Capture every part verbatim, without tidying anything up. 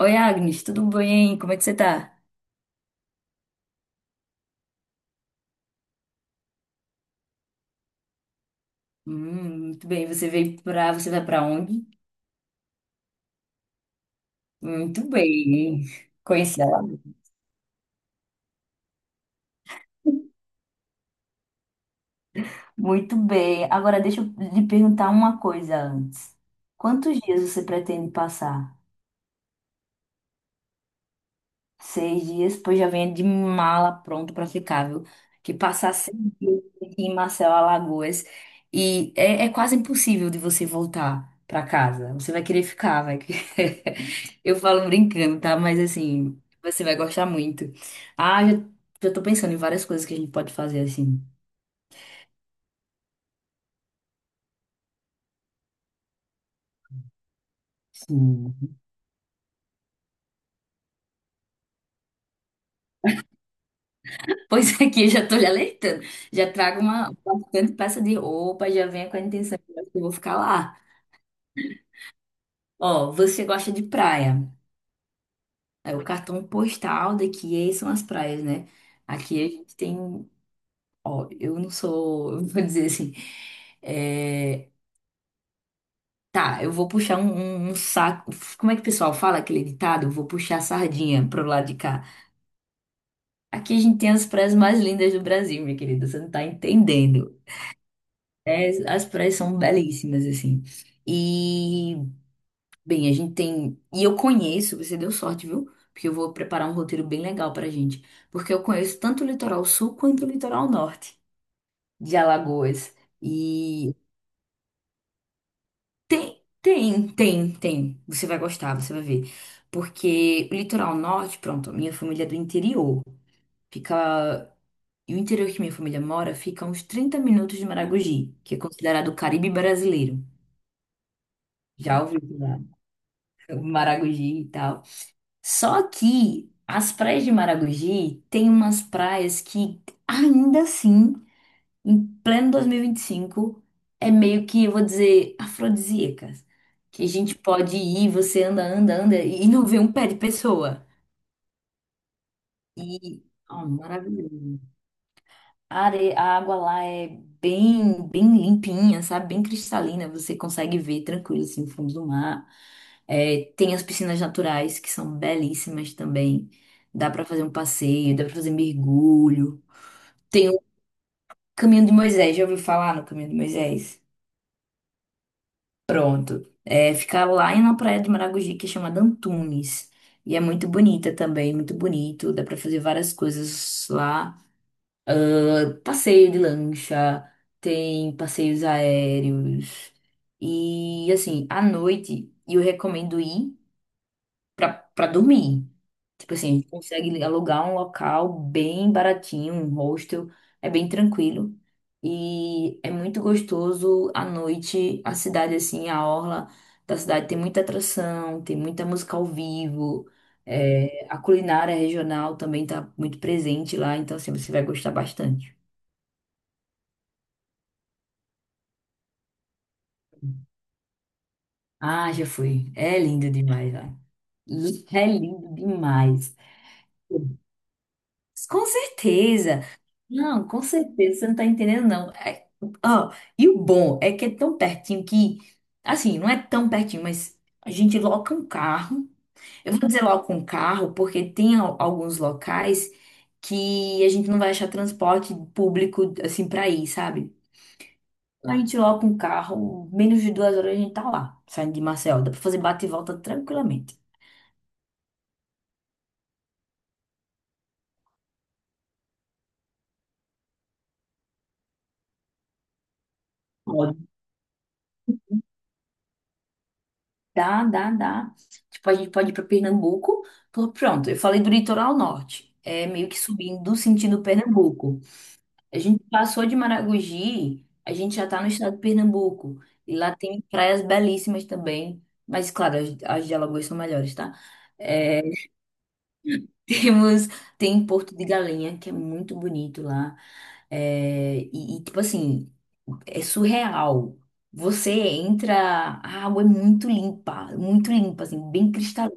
Oi, Agnes, tudo bem? Como é que você tá? Hum, muito bem. Você veio pra. Você vai pra onde? Muito bem. Conheci ela. Muito bem. Agora deixa eu lhe perguntar uma coisa antes. Quantos dias você pretende passar? Seis dias, pois já venha de mala pronto para ficar, viu? Que passar seis dias aqui em Marcelo Alagoas e é, é quase impossível de você voltar para casa. Você vai querer ficar, vai. querer- Eu falo brincando, tá? Mas assim, você vai gostar muito. Ah, já, já tô pensando em várias coisas que a gente pode fazer assim. Sim. Pois aqui eu já tô lhe alertando. Já trago uma bastante peça de roupa, já venha com a intenção que eu vou ficar lá. Ó, você gosta de praia. É, o cartão postal daqui é- são as praias, né? Aqui a gente tem. Ó, eu não sou. Eu vou dizer assim. é, tá, eu vou puxar um, um- um saco. Como é que o pessoal fala aquele ditado? Eu vou puxar a sardinha pro lado de cá. Aqui a gente tem as praias mais lindas do Brasil, minha querida. Você não tá entendendo. É, as praias são belíssimas, assim. E. Bem, a gente tem. E eu conheço, você deu sorte, viu? Porque eu vou preparar um roteiro bem legal pra gente. Porque eu conheço tanto o litoral sul quanto o litoral norte de Alagoas. E tem, tem, tem, tem. Você vai gostar, você vai ver. Porque o litoral norte, pronto, a minha família é do interior. Fica. E o interior que minha família mora fica a uns trinta minutos de Maragogi, que é considerado o Caribe brasileiro. Já ouviu falar? Maragogi e tal. Só que as praias de Maragogi tem umas praias que ainda assim, em pleno dois mil e vinte e cinco, é meio que, eu vou dizer, afrodisíacas. Que a gente pode ir, você anda, anda, anda e não vê um pé de pessoa. E, ó, maravilhoso. A, are... a água lá é bem, bem limpinha, sabe? Bem cristalina. Você consegue ver tranquilo, assim, o fundo do mar. É, tem as piscinas naturais, que são belíssimas também. Dá pra fazer um passeio, dá pra fazer mergulho. Tem o Caminho de Moisés, já ouviu falar no Caminho de Moisés? Pronto. É, fica lá na praia de Maragogi, que é chamada Antunes. E é muito bonita também, muito bonito. Dá pra fazer várias coisas lá. Passeio de lancha, tem passeios aéreos. E assim, à noite eu recomendo ir pra, pra dormir. Tipo assim, a gente consegue alugar um local bem baratinho, um hostel, é bem tranquilo. E é muito gostoso à noite, a cidade assim, a orla da cidade tem muita atração, tem muita música ao vivo. É, a culinária regional também está muito presente lá, então assim, você vai gostar bastante. Ah, já fui. É lindo demais lá. Li- É lindo demais. Com certeza. Não, com certeza. Você não tá entendendo, não. É- ó, e o bom é que é tão pertinho que, assim, não é tão pertinho, mas a gente loca um carro. Eu vou dizer loca um carro, porque tem al- alguns locais que a gente não vai achar transporte público, assim, pra ir, sabe? A gente loca um carro, menos de duas horas a gente tá lá, saindo de Marcel. Dá pra fazer bate e volta tranquilamente. Dá, dá, dá. Tipo, a gente pode ir para Pernambuco. Pô, pronto, eu falei do litoral norte. É meio que subindo sentido Pernambuco. A gente passou de Maragogi, a gente já tá no estado de Pernambuco. E lá tem praias belíssimas também. Mas, claro, as, as de Alagoas são melhores, tá? É, temos, tem Porto de Galinha, que é muito bonito lá. É, e, e, tipo assim, é surreal. Você entra, a água é muito limpa, muito limpa, assim, bem cristalina.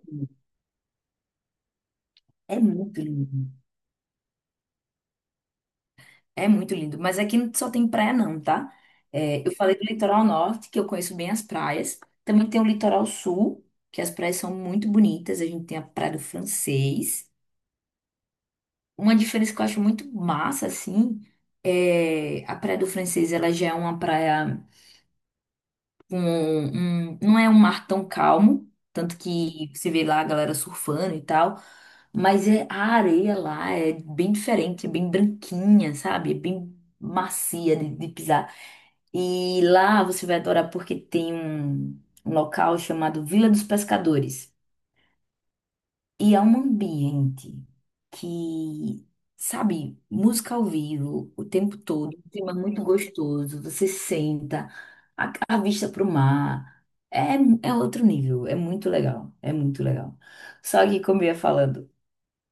É muito lindo, é muito lindo. Mas aqui não só tem praia, não, tá? É, eu falei do litoral norte, que eu conheço bem as praias. Também tem o litoral sul, que as praias são muito bonitas. A gente tem a Praia do Francês. Uma diferença que eu acho muito massa, assim, é a Praia do Francês, ela já é uma praia com um, um, não é um mar tão calmo, tanto que você vê lá a galera surfando e tal, mas é, a areia lá é bem diferente, é bem branquinha, sabe? É bem macia de, de pisar. E lá você vai adorar porque tem um um local chamado Vila dos Pescadores. E é um ambiente que, sabe, música ao vivo o tempo todo, um clima muito gostoso, você senta, a, a vista para o mar. É, é outro nível, é muito legal, é muito legal. Só que, como eu ia falando,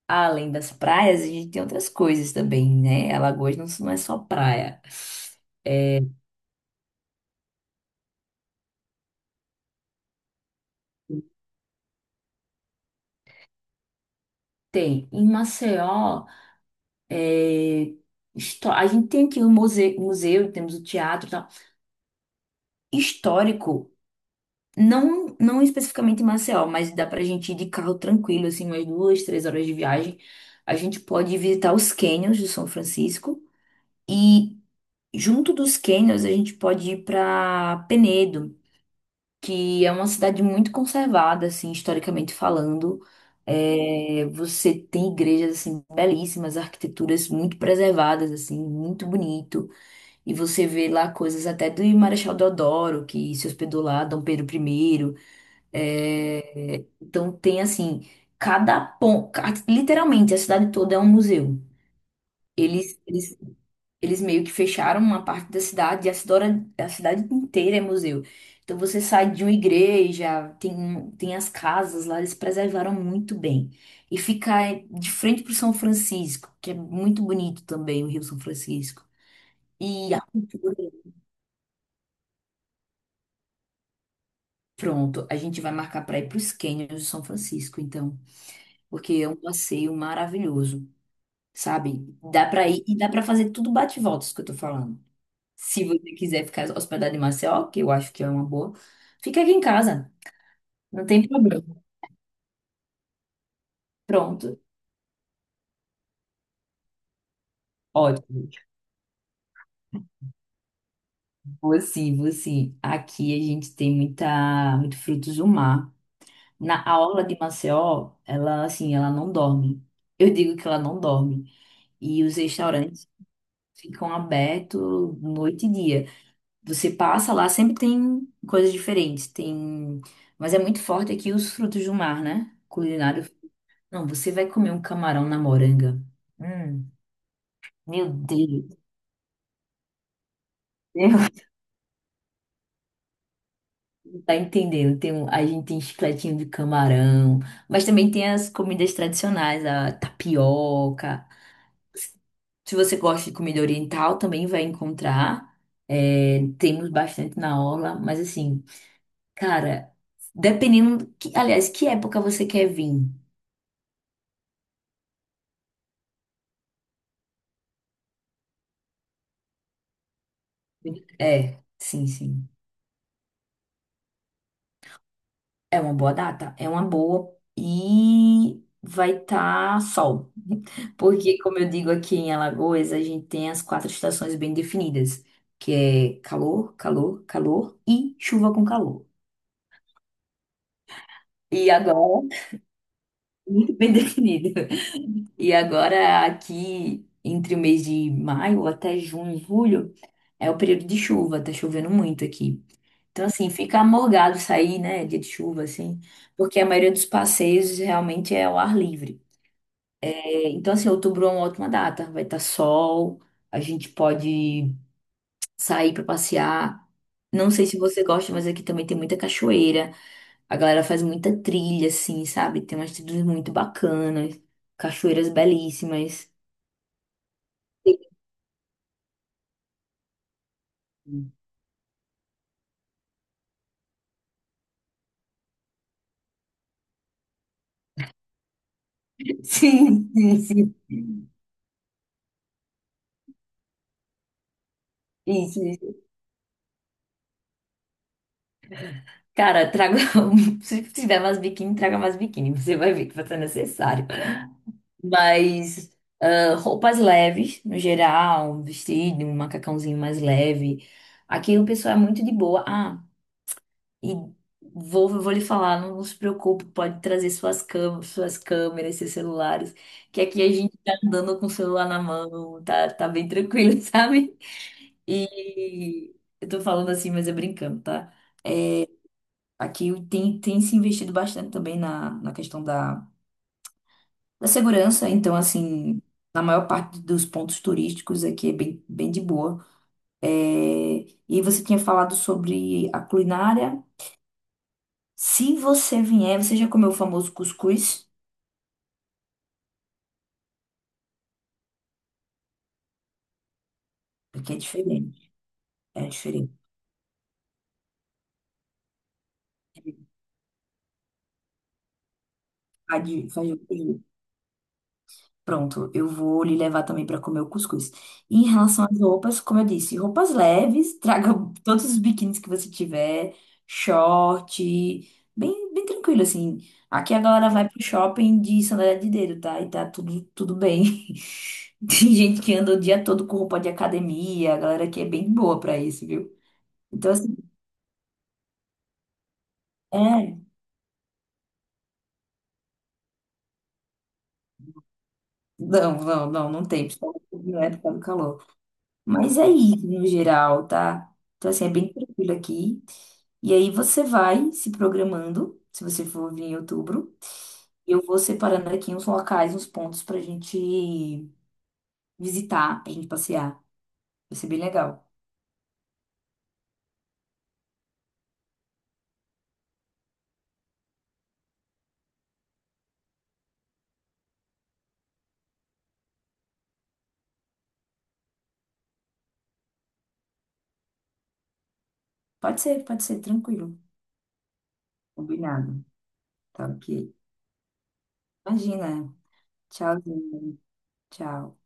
além das praias, a gente tem outras coisas também, né? Alagoas não, não é só praia. Tem, em Maceió, é, histó- a gente tem aqui o museu, museu, temos o teatro e tal. Histórico. Não, não especificamente em Maceió, mas dá pra gente ir de carro tranquilo, assim, umas duas, três horas de viagem. A gente pode visitar os cânions de São Francisco e junto dos cânions a gente pode ir pra Penedo, que é uma cidade muito conservada, assim, historicamente falando. É, você tem igrejas, assim, belíssimas, arquiteturas muito preservadas, assim, muito bonito. E você vê lá coisas até do Marechal Deodoro, que se hospedou lá, Dom Pedro Primeiro. É, então tem assim, cada ponto, literalmente a cidade toda é um museu. Eles, eles, eles meio que fecharam uma parte da cidade e a cidade, a cidade inteira é museu. Então você sai de uma igreja, tem, um, tem as casas lá, eles preservaram muito bem. E fica é, de frente para o São Francisco, que é muito bonito também, o Rio São Francisco. E a cultura, pronto, a gente vai marcar para ir para os cânions de São Francisco, então, porque é um passeio maravilhoso. Sabe? Dá pra ir e dá pra fazer tudo bate e volta, isso que eu tô falando. Se você quiser ficar hospedado em Maceió, que eu acho que é uma boa, fica aqui em casa, não tem problema. Pronto, ótimo. Você, você, aqui a gente tem muita, muito frutos do mar. Na A orla de Maceió, ela assim, ela não dorme. Eu digo que ela não dorme. E os restaurantes ficam abertos noite e dia. Você passa lá, sempre tem coisas diferentes. Tem, mas é muito forte aqui os frutos do mar, né? Culinário. Não, você vai comer um camarão na moranga. Hum, meu Deus, eu não tá entendendo. Tem, um- a gente tem chicletinho de camarão, mas também tem as comidas tradicionais, a tapioca. Se você gosta de comida oriental, também vai encontrar. É, temos bastante na orla, mas assim, cara, dependendo, que, aliás, que época você quer vir? É, sim, sim. É uma boa data, é uma boa e vai estar sol. Porque, como eu digo aqui em Alagoas, a gente tem as quatro estações bem definidas, que é calor, calor, calor e chuva com calor. E agora, muito bem definido. E agora, aqui, entre o mês de maio até junho, julho, é o período de chuva, tá chovendo muito aqui. Então, assim, fica amorgado sair, né, dia de chuva, assim, porque a maioria dos passeios realmente é ao ar livre. É, então, assim, outubro é uma ótima data, vai estar sol, a gente pode sair para passear. Não sei se você gosta, mas aqui também tem muita cachoeira, a galera faz muita trilha, assim, sabe? Tem umas trilhas muito bacanas, cachoeiras belíssimas. Sim, sim, sim, sim, sim. Cara, traga. um- Se tiver mais biquíni, traga mais biquíni. Você vai ver que vai ser necessário. Mas ah, roupas leves, no geral, um vestido, um macacãozinho mais leve. Aqui o pessoal é muito de boa. Ah, e vou, vou lhe falar, não, não se preocupe, pode trazer suas câmeras, suas câmeras, seus celulares. Que aqui a gente tá andando com o celular na mão, tá, tá bem tranquilo, sabe? E eu tô falando assim, mas é brincando, tá? Aqui tem, tem se investido bastante também na, na questão da, da segurança. Então, assim, na maior parte dos pontos turísticos aqui é bem, bem de boa. É, e você tinha falado sobre a culinária. Se você vier, você já comeu o famoso cuscuz? Porque é diferente. É diferente. É, Faz, de- faz de- pronto, eu vou lhe levar também para comer o cuscuz. E em relação às roupas, como eu disse, roupas leves, traga todos os biquínis que você tiver, short, bem, bem tranquilo, assim. Aqui a galera vai pro shopping de sandália de dedo, tá? E tá tudo, tudo bem. Tem gente que anda o dia todo com roupa de academia, a galera aqui é bem boa para isso, viu? Então, assim, é. Não, não, não, não tem, principalmente não é por causa do calor. Mas é isso no geral, tá? Então, assim, é bem tranquilo aqui. E aí você vai se programando, se você for vir em outubro. Eu vou separando aqui uns locais, uns pontos pra gente visitar, pra gente passear. Vai ser bem legal. Pode ser, pode ser, tranquilo. Combinado. Tá ok. Imagina. Tchauzinho. Tchau.